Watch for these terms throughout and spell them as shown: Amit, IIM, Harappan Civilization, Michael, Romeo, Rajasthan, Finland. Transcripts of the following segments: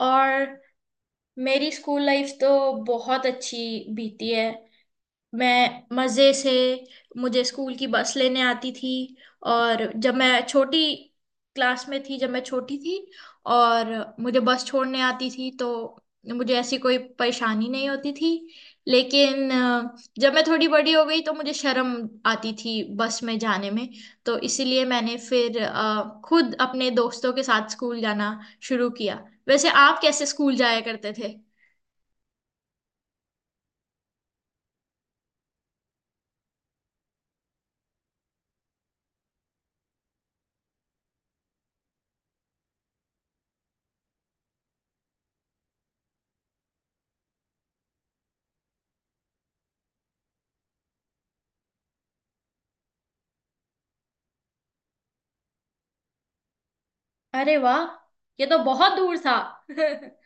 और मेरी school life तो बहुत अच्छी बीती है। मैं मज़े से मुझे स्कूल की बस लेने आती थी। और जब मैं छोटी क्लास में थी, जब मैं छोटी थी और मुझे बस छोड़ने आती थी तो मुझे ऐसी कोई परेशानी नहीं होती थी। लेकिन जब मैं थोड़ी बड़ी हो गई तो मुझे शर्म आती थी बस में जाने में। तो इसीलिए मैंने फिर खुद अपने दोस्तों के साथ स्कूल जाना शुरू किया। वैसे आप कैसे स्कूल जाया करते थे? अरे वाह, ये तो बहुत दूर था।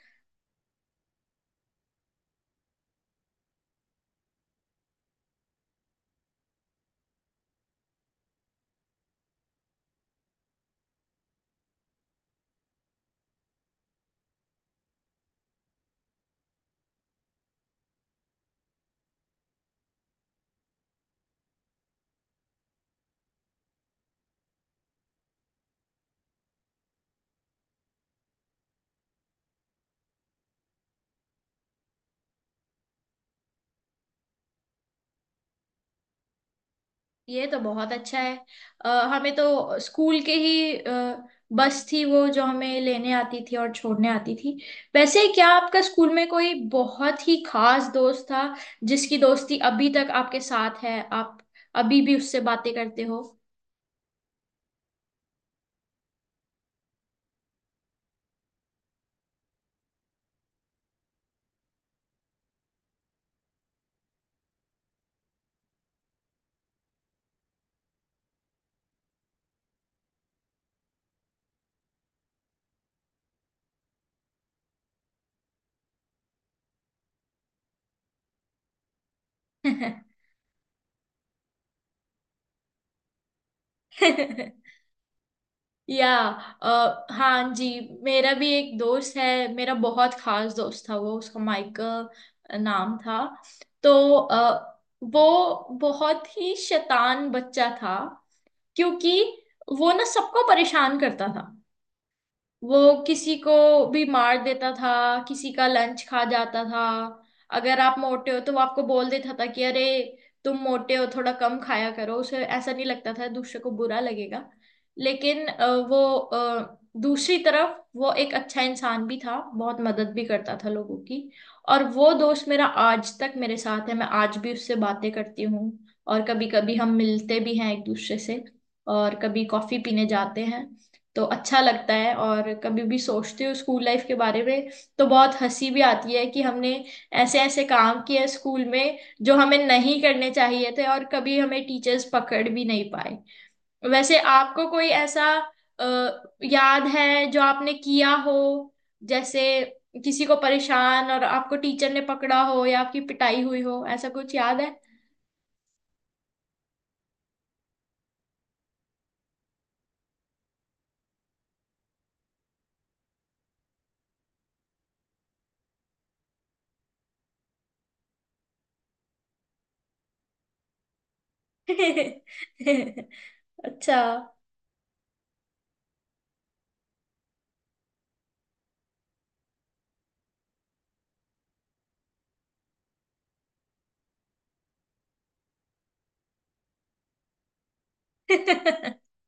ये तो बहुत अच्छा है। हमें तो स्कूल के ही बस थी वो, जो हमें लेने आती थी और छोड़ने आती थी। वैसे क्या आपका स्कूल में कोई बहुत ही खास दोस्त था, जिसकी दोस्ती अभी तक आपके साथ है? आप अभी भी उससे बातें करते हो? या अ, हाँ जी, मेरा भी एक दोस्त है। मेरा बहुत खास दोस्त था वो, उसका माइकल नाम था। तो अ, वो बहुत ही शैतान बच्चा था। क्योंकि वो ना सबको परेशान करता था। वो किसी को भी मार देता था। किसी का लंच खा जाता था। अगर आप मोटे हो तो वो आपको बोल देता था कि अरे, तुम मोटे हो, थोड़ा कम खाया करो। उसे ऐसा नहीं लगता था दूसरे को बुरा लगेगा। लेकिन वो, दूसरी तरफ वो एक अच्छा इंसान भी था। बहुत मदद भी करता था लोगों की। और वो दोस्त मेरा आज तक मेरे साथ है। मैं आज भी उससे बातें करती हूँ। और कभी कभी हम मिलते भी हैं एक दूसरे से और कभी कॉफी पीने जाते हैं। तो अच्छा लगता है। और कभी भी सोचती हूँ स्कूल लाइफ के बारे में तो बहुत हंसी भी आती है कि हमने ऐसे ऐसे काम किए स्कूल में जो हमें नहीं करने चाहिए थे, और कभी हमें टीचर्स पकड़ भी नहीं पाए। वैसे आपको कोई ऐसा अ, याद है जो आपने किया हो? जैसे किसी को परेशान, और आपको टीचर ने पकड़ा हो या आपकी पिटाई हुई हो, ऐसा कुछ याद है? अच्छा।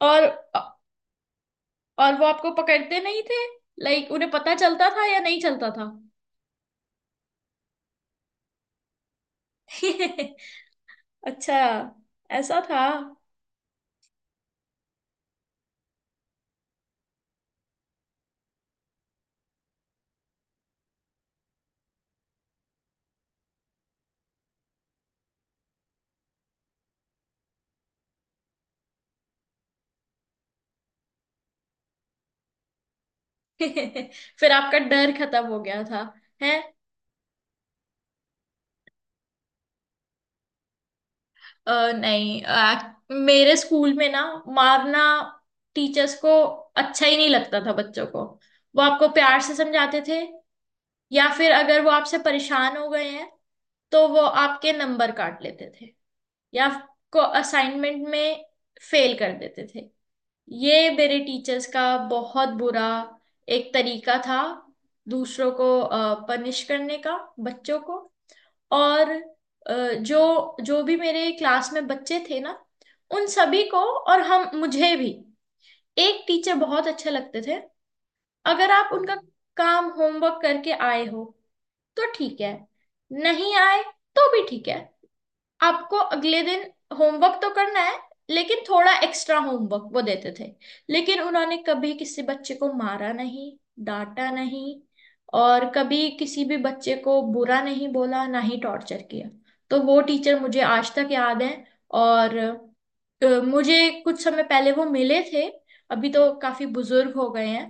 और और वो आपको पकड़ते नहीं थे? लाइक उन्हें पता चलता था या नहीं चलता था? अच्छा, ऐसा था। फिर आपका डर खत्म हो गया था, है? नहीं, मेरे स्कूल में ना मारना टीचर्स को अच्छा ही नहीं लगता था, बच्चों को। वो आपको प्यार से समझाते थे। या फिर अगर वो आपसे परेशान हो गए हैं तो वो आपके नंबर काट लेते थे, या आपको असाइनमेंट में फेल कर देते थे। ये मेरे टीचर्स का बहुत बुरा एक तरीका था दूसरों को पनिश करने का, बच्चों को। और जो जो भी मेरे क्लास में बच्चे थे ना, उन सभी को। और हम मुझे भी एक टीचर बहुत अच्छे लगते थे। अगर आप उनका काम होमवर्क करके आए हो तो ठीक है, नहीं आए तो भी ठीक है। आपको अगले दिन होमवर्क तो करना है, लेकिन थोड़ा एक्स्ट्रा होमवर्क वो देते थे। लेकिन उन्होंने कभी किसी बच्चे को मारा नहीं, डांटा नहीं, और कभी किसी भी बच्चे को बुरा नहीं बोला, ना ही टॉर्चर किया। तो वो टीचर मुझे आज तक याद है। और मुझे कुछ समय पहले वो मिले थे। अभी तो काफी बुजुर्ग हो गए हैं,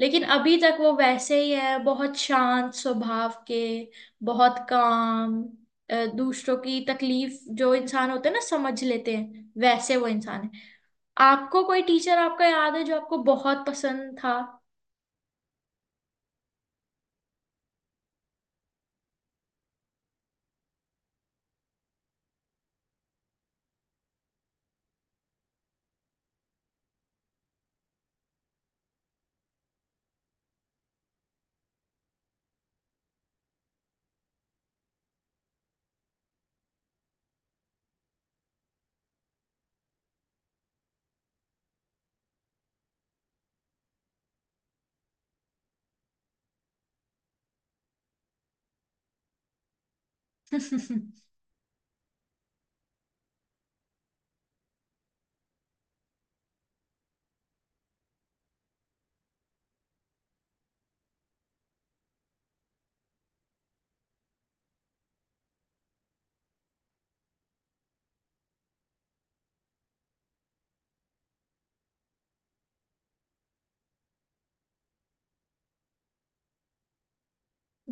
लेकिन अभी तक वो वैसे ही है, बहुत शांत स्वभाव के, बहुत काम, दूसरों की तकलीफ जो इंसान होते हैं ना समझ लेते हैं, वैसे वो इंसान है। आपको कोई टीचर आपका याद है जो आपको बहुत पसंद था?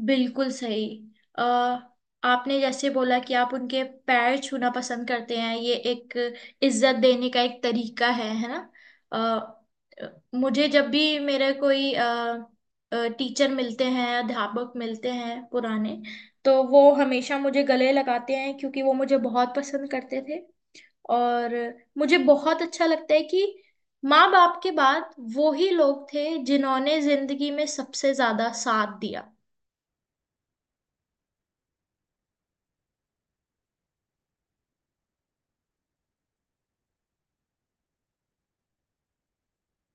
बिल्कुल सही। अ, आपने जैसे बोला कि आप उनके पैर छूना पसंद करते हैं, ये एक इज्जत देने का एक तरीका है ना? अ, मुझे जब भी मेरे कोई टीचर मिलते हैं, अध्यापक मिलते हैं पुराने, तो वो हमेशा मुझे गले लगाते हैं, क्योंकि वो मुझे बहुत पसंद करते थे। और मुझे बहुत अच्छा लगता है कि माँ बाप के बाद वो ही लोग थे जिन्होंने जिंदगी में सबसे ज्यादा साथ दिया।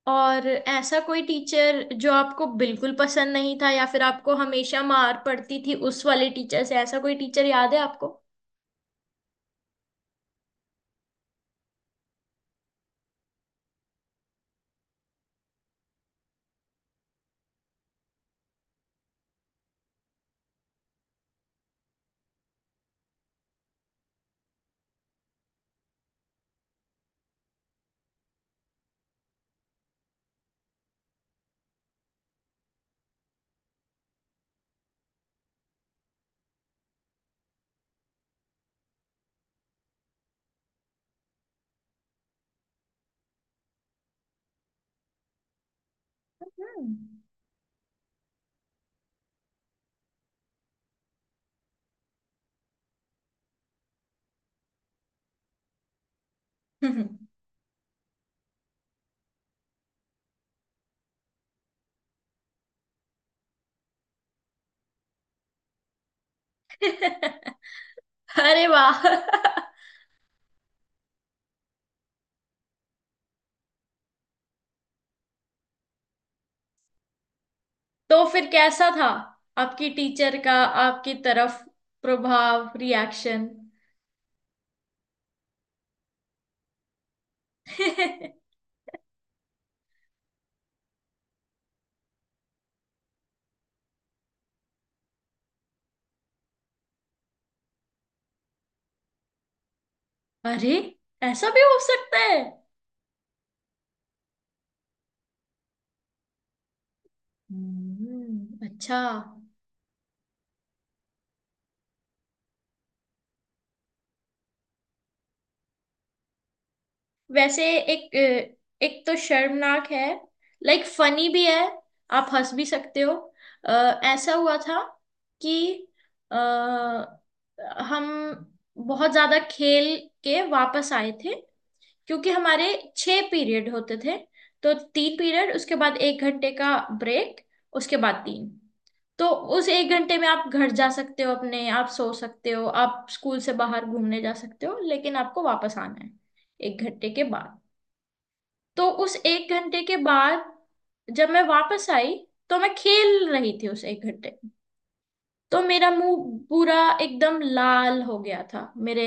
और ऐसा कोई टीचर जो आपको बिल्कुल पसंद नहीं था, या फिर आपको हमेशा मार पड़ती थी उस वाले टीचर से, ऐसा कोई टीचर याद है आपको? हम्म। अरे वाह। तो फिर कैसा था आपकी टीचर का आपकी तरफ प्रभाव, रिएक्शन? अरे, ऐसा भी हो सकता है? अच्छा। वैसे एक एक तो शर्मनाक है, लाइक फनी भी है, आप हंस भी सकते हो। अ, ऐसा हुआ था कि अ, हम बहुत ज्यादा खेल के वापस आए थे। क्योंकि हमारे छह पीरियड होते थे, तो तीन पीरियड उसके बाद एक घंटे का ब्रेक, उसके बाद तीन। तो उस एक घंटे में आप घर जा सकते हो, अपने आप सो सकते हो, आप स्कूल से बाहर घूमने जा सकते हो, लेकिन आपको वापस आना है एक घंटे के बाद। तो उस एक घंटे के बाद जब मैं वापस आई, तो मैं खेल रही थी उस एक घंटे। तो मेरा मुंह पूरा एकदम लाल हो गया था। मेरे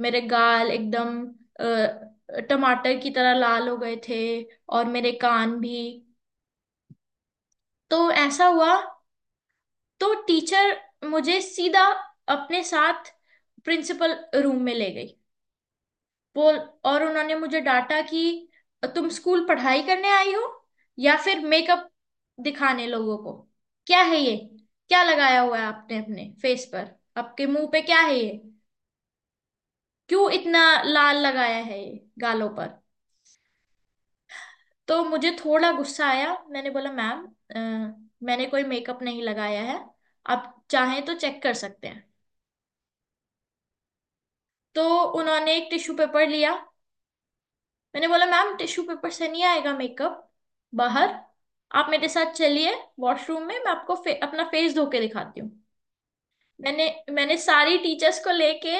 मेरे गाल एकदम टमाटर की तरह लाल हो गए थे, और मेरे कान भी। तो ऐसा हुआ। तो टीचर मुझे सीधा अपने साथ प्रिंसिपल रूम में ले गई, बोल। और उन्होंने मुझे डांटा कि तुम स्कूल पढ़ाई करने आई हो या फिर मेकअप दिखाने लोगों को? क्या है ये? क्या लगाया हुआ है आपने अपने फेस पर? आपके मुंह पे क्या है ये? क्यों इतना लाल लगाया है ये गालों पर? तो मुझे थोड़ा गुस्सा आया। मैंने बोला, मैम मैंने कोई मेकअप नहीं लगाया है। आप चाहें तो चेक कर सकते हैं। तो उन्होंने एक टिश्यू पेपर लिया। मैंने बोला, मैम टिश्यू पेपर से नहीं आएगा मेकअप बाहर, आप मेरे साथ चलिए वॉशरूम में। मैं आपको अपना फेस धो के दिखाती हूँ। मैंने मैंने सारी टीचर्स को लेके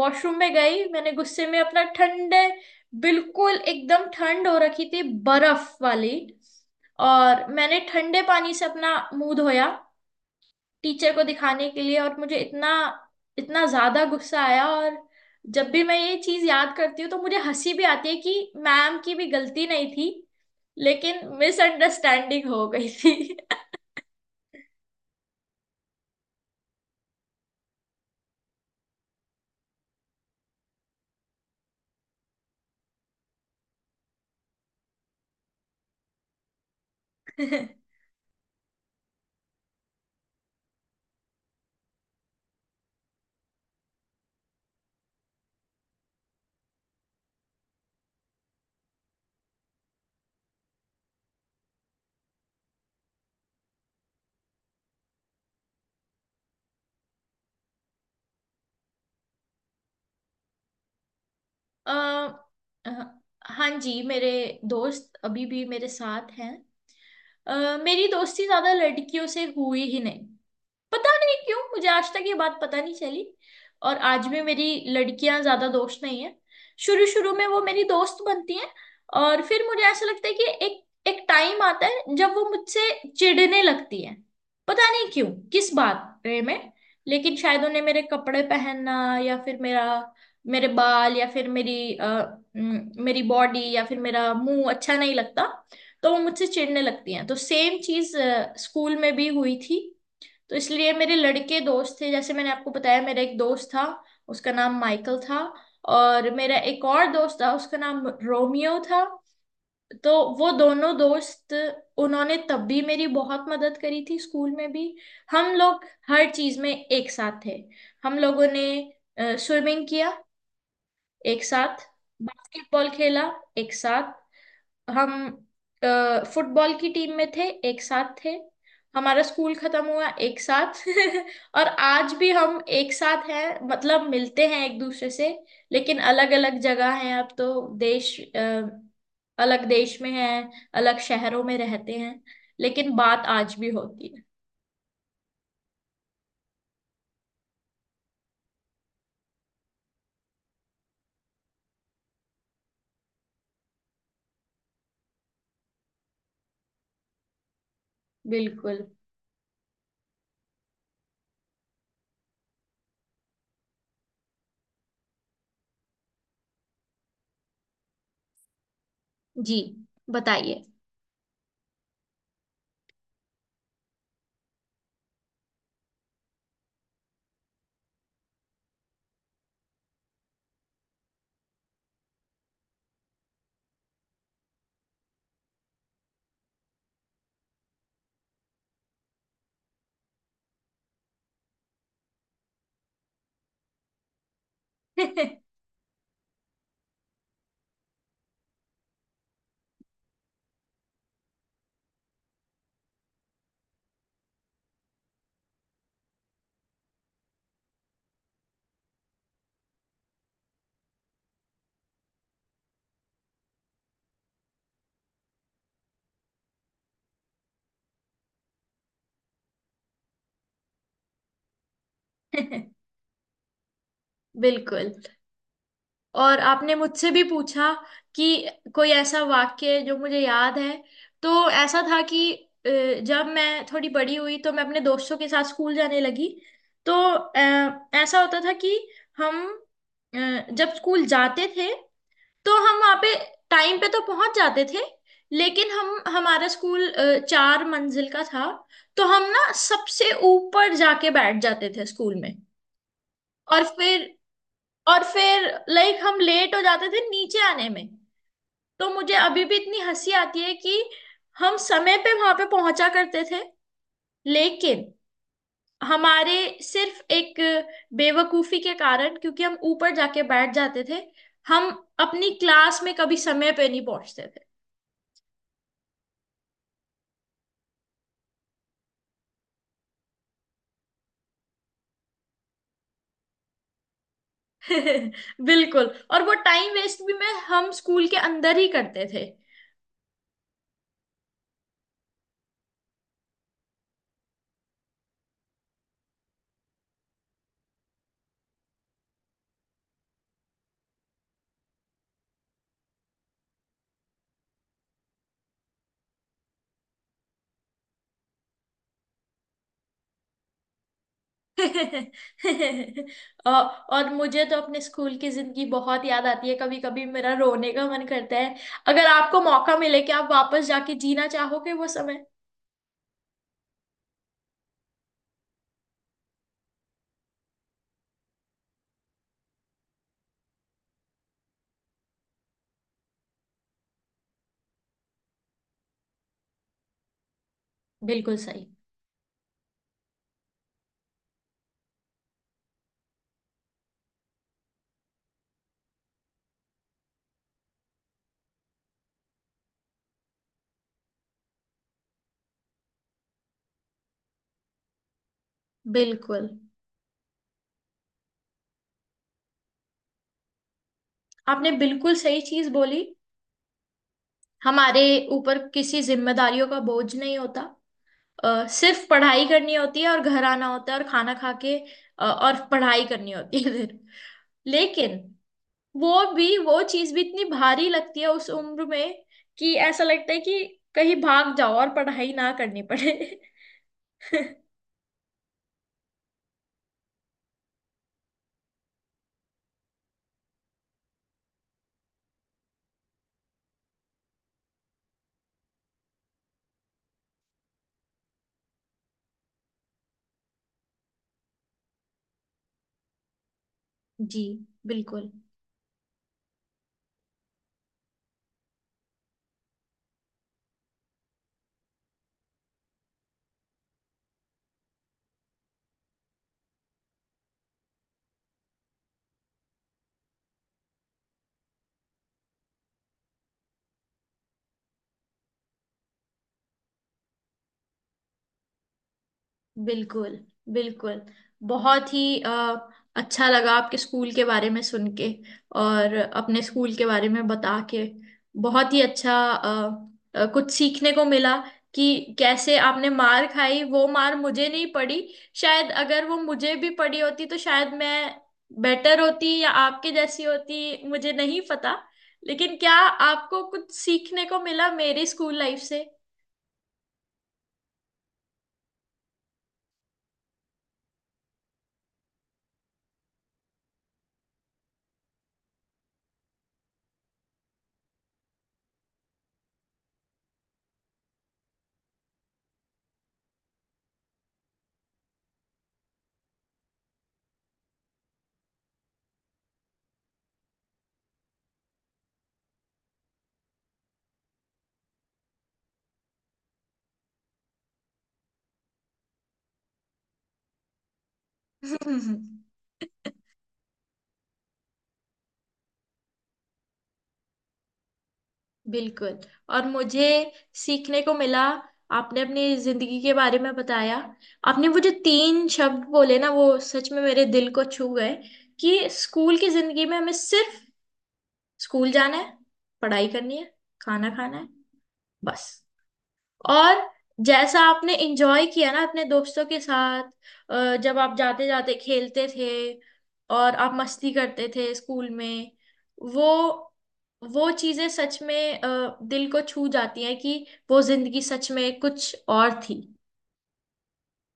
वॉशरूम में गई। मैंने गुस्से में अपना ठंडे, बिल्कुल एकदम ठंड हो रखी थी, बर्फ वाली, और मैंने ठंडे पानी से अपना मुंह धोया टीचर को दिखाने के लिए। और मुझे इतना, इतना ज्यादा गुस्सा आया। और जब भी मैं ये चीज याद करती हूँ तो मुझे हंसी भी आती है कि मैम की भी गलती नहीं थी, लेकिन मिसअंडरस्टैंडिंग हो गई थी। अ, अ, हाँ जी, मेरे दोस्त अभी भी मेरे साथ हैं। मेरी दोस्ती ज्यादा लड़कियों से हुई ही नहीं। पता नहीं क्यों, मुझे आज तक ये बात पता नहीं चली। और आज भी मेरी लड़कियां ज्यादा दोस्त नहीं है। शुरू शुरू में वो मेरी दोस्त बनती हैं, और फिर मुझे ऐसा लगता है कि एक एक टाइम आता है जब वो मुझसे चिढ़ने लगती है। पता नहीं क्यों, किस बारे में। लेकिन शायद उन्हें मेरे कपड़े पहनना, या फिर मेरा मेरे बाल, या फिर मेरी मेरी बॉडी, या फिर मेरा मुंह अच्छा नहीं लगता। तो वो मुझसे चिढ़ने लगती हैं। तो सेम चीज स्कूल में भी हुई थी। तो इसलिए मेरे लड़के दोस्त थे। जैसे मैंने आपको बताया, मेरा एक दोस्त था उसका नाम माइकल था, और मेरा एक और दोस्त था उसका नाम रोमियो था। तो वो दोनों दोस्त, उन्होंने तब भी मेरी बहुत मदद करी थी स्कूल में भी। हम लोग हर चीज में एक साथ थे। हम लोगों ने स्विमिंग किया एक साथ, बास्केटबॉल खेला एक साथ, हम फुटबॉल की टीम में थे एक साथ थे, हमारा स्कूल खत्म हुआ एक साथ। और आज भी हम एक साथ हैं, मतलब मिलते हैं एक दूसरे से। लेकिन अलग अलग जगह हैं अब, तो अलग देश में हैं, अलग शहरों में रहते हैं। लेकिन बात आज भी होती है। बिल्कुल। जी, बताइए। बिल्कुल। और आपने मुझसे भी पूछा कि कोई ऐसा वाक्य जो मुझे याद है। तो ऐसा था कि अ, जब मैं थोड़ी बड़ी हुई तो मैं अपने दोस्तों के साथ स्कूल जाने लगी। तो ऐसा होता था कि हम अ, जब स्कूल जाते थे तो हम वहाँ पे टाइम पे तो पहुंच जाते थे। लेकिन हम हमारा स्कूल चार मंजिल का था। तो हम ना सबसे ऊपर जाके बैठ जाते थे स्कूल में। और फिर और फिर लाइक हम लेट हो जाते थे नीचे आने में। तो मुझे अभी भी इतनी हंसी आती है कि हम समय पे वहां पे पहुंचा करते थे, लेकिन हमारे सिर्फ एक बेवकूफी के कारण, क्योंकि हम ऊपर जाके बैठ जाते थे, हम अपनी क्लास में कभी समय पे नहीं पहुंचते थे। बिल्कुल। और वो टाइम वेस्ट भी मैं हम स्कूल के अंदर ही करते थे। और और मुझे तो अपने स्कूल की जिंदगी बहुत याद आती है। कभी कभी मेरा रोने का मन करता है। अगर आपको मौका मिले कि आप वापस जाके जीना चाहोगे वो समय? बिल्कुल सही। बिल्कुल। आपने बिल्कुल सही चीज बोली। हमारे ऊपर किसी जिम्मेदारियों का बोझ नहीं होता। सिर्फ पढ़ाई करनी होती है और घर आना होता है और खाना खा के और पढ़ाई करनी होती है फिर। लेकिन वो भी, वो चीज भी इतनी भारी लगती है उस उम्र में, कि ऐसा लगता है कि कहीं भाग जाओ और पढ़ाई ना करनी पड़े। जी, बिल्कुल। बिल्कुल, बिल्कुल। बहुत ही अच्छा लगा आपके स्कूल के बारे में सुन के, और अपने स्कूल के बारे में बता के। बहुत ही अच्छा कुछ सीखने को मिला, कि कैसे आपने मार खाई। वो मार मुझे नहीं पड़ी। शायद अगर वो मुझे भी पड़ी होती तो शायद मैं बेटर होती, या आपके जैसी होती, मुझे नहीं पता। लेकिन क्या आपको कुछ सीखने को मिला मेरी स्कूल लाइफ से? बिल्कुल। और मुझे सीखने को मिला, आपने अपनी जिंदगी के बारे में बताया। आपने वो जो तीन शब्द बोले ना, वो सच में मेरे दिल को छू गए, कि स्कूल की जिंदगी में हमें सिर्फ स्कूल जाना है, पढ़ाई करनी है, खाना खाना है, बस। और जैसा आपने एंजॉय किया ना अपने दोस्तों के साथ, जब आप जाते जाते खेलते थे, और आप मस्ती करते थे स्कूल में, वो वो चीजें सच में दिल को छू जाती हैं, कि वो जिंदगी सच में कुछ और थी।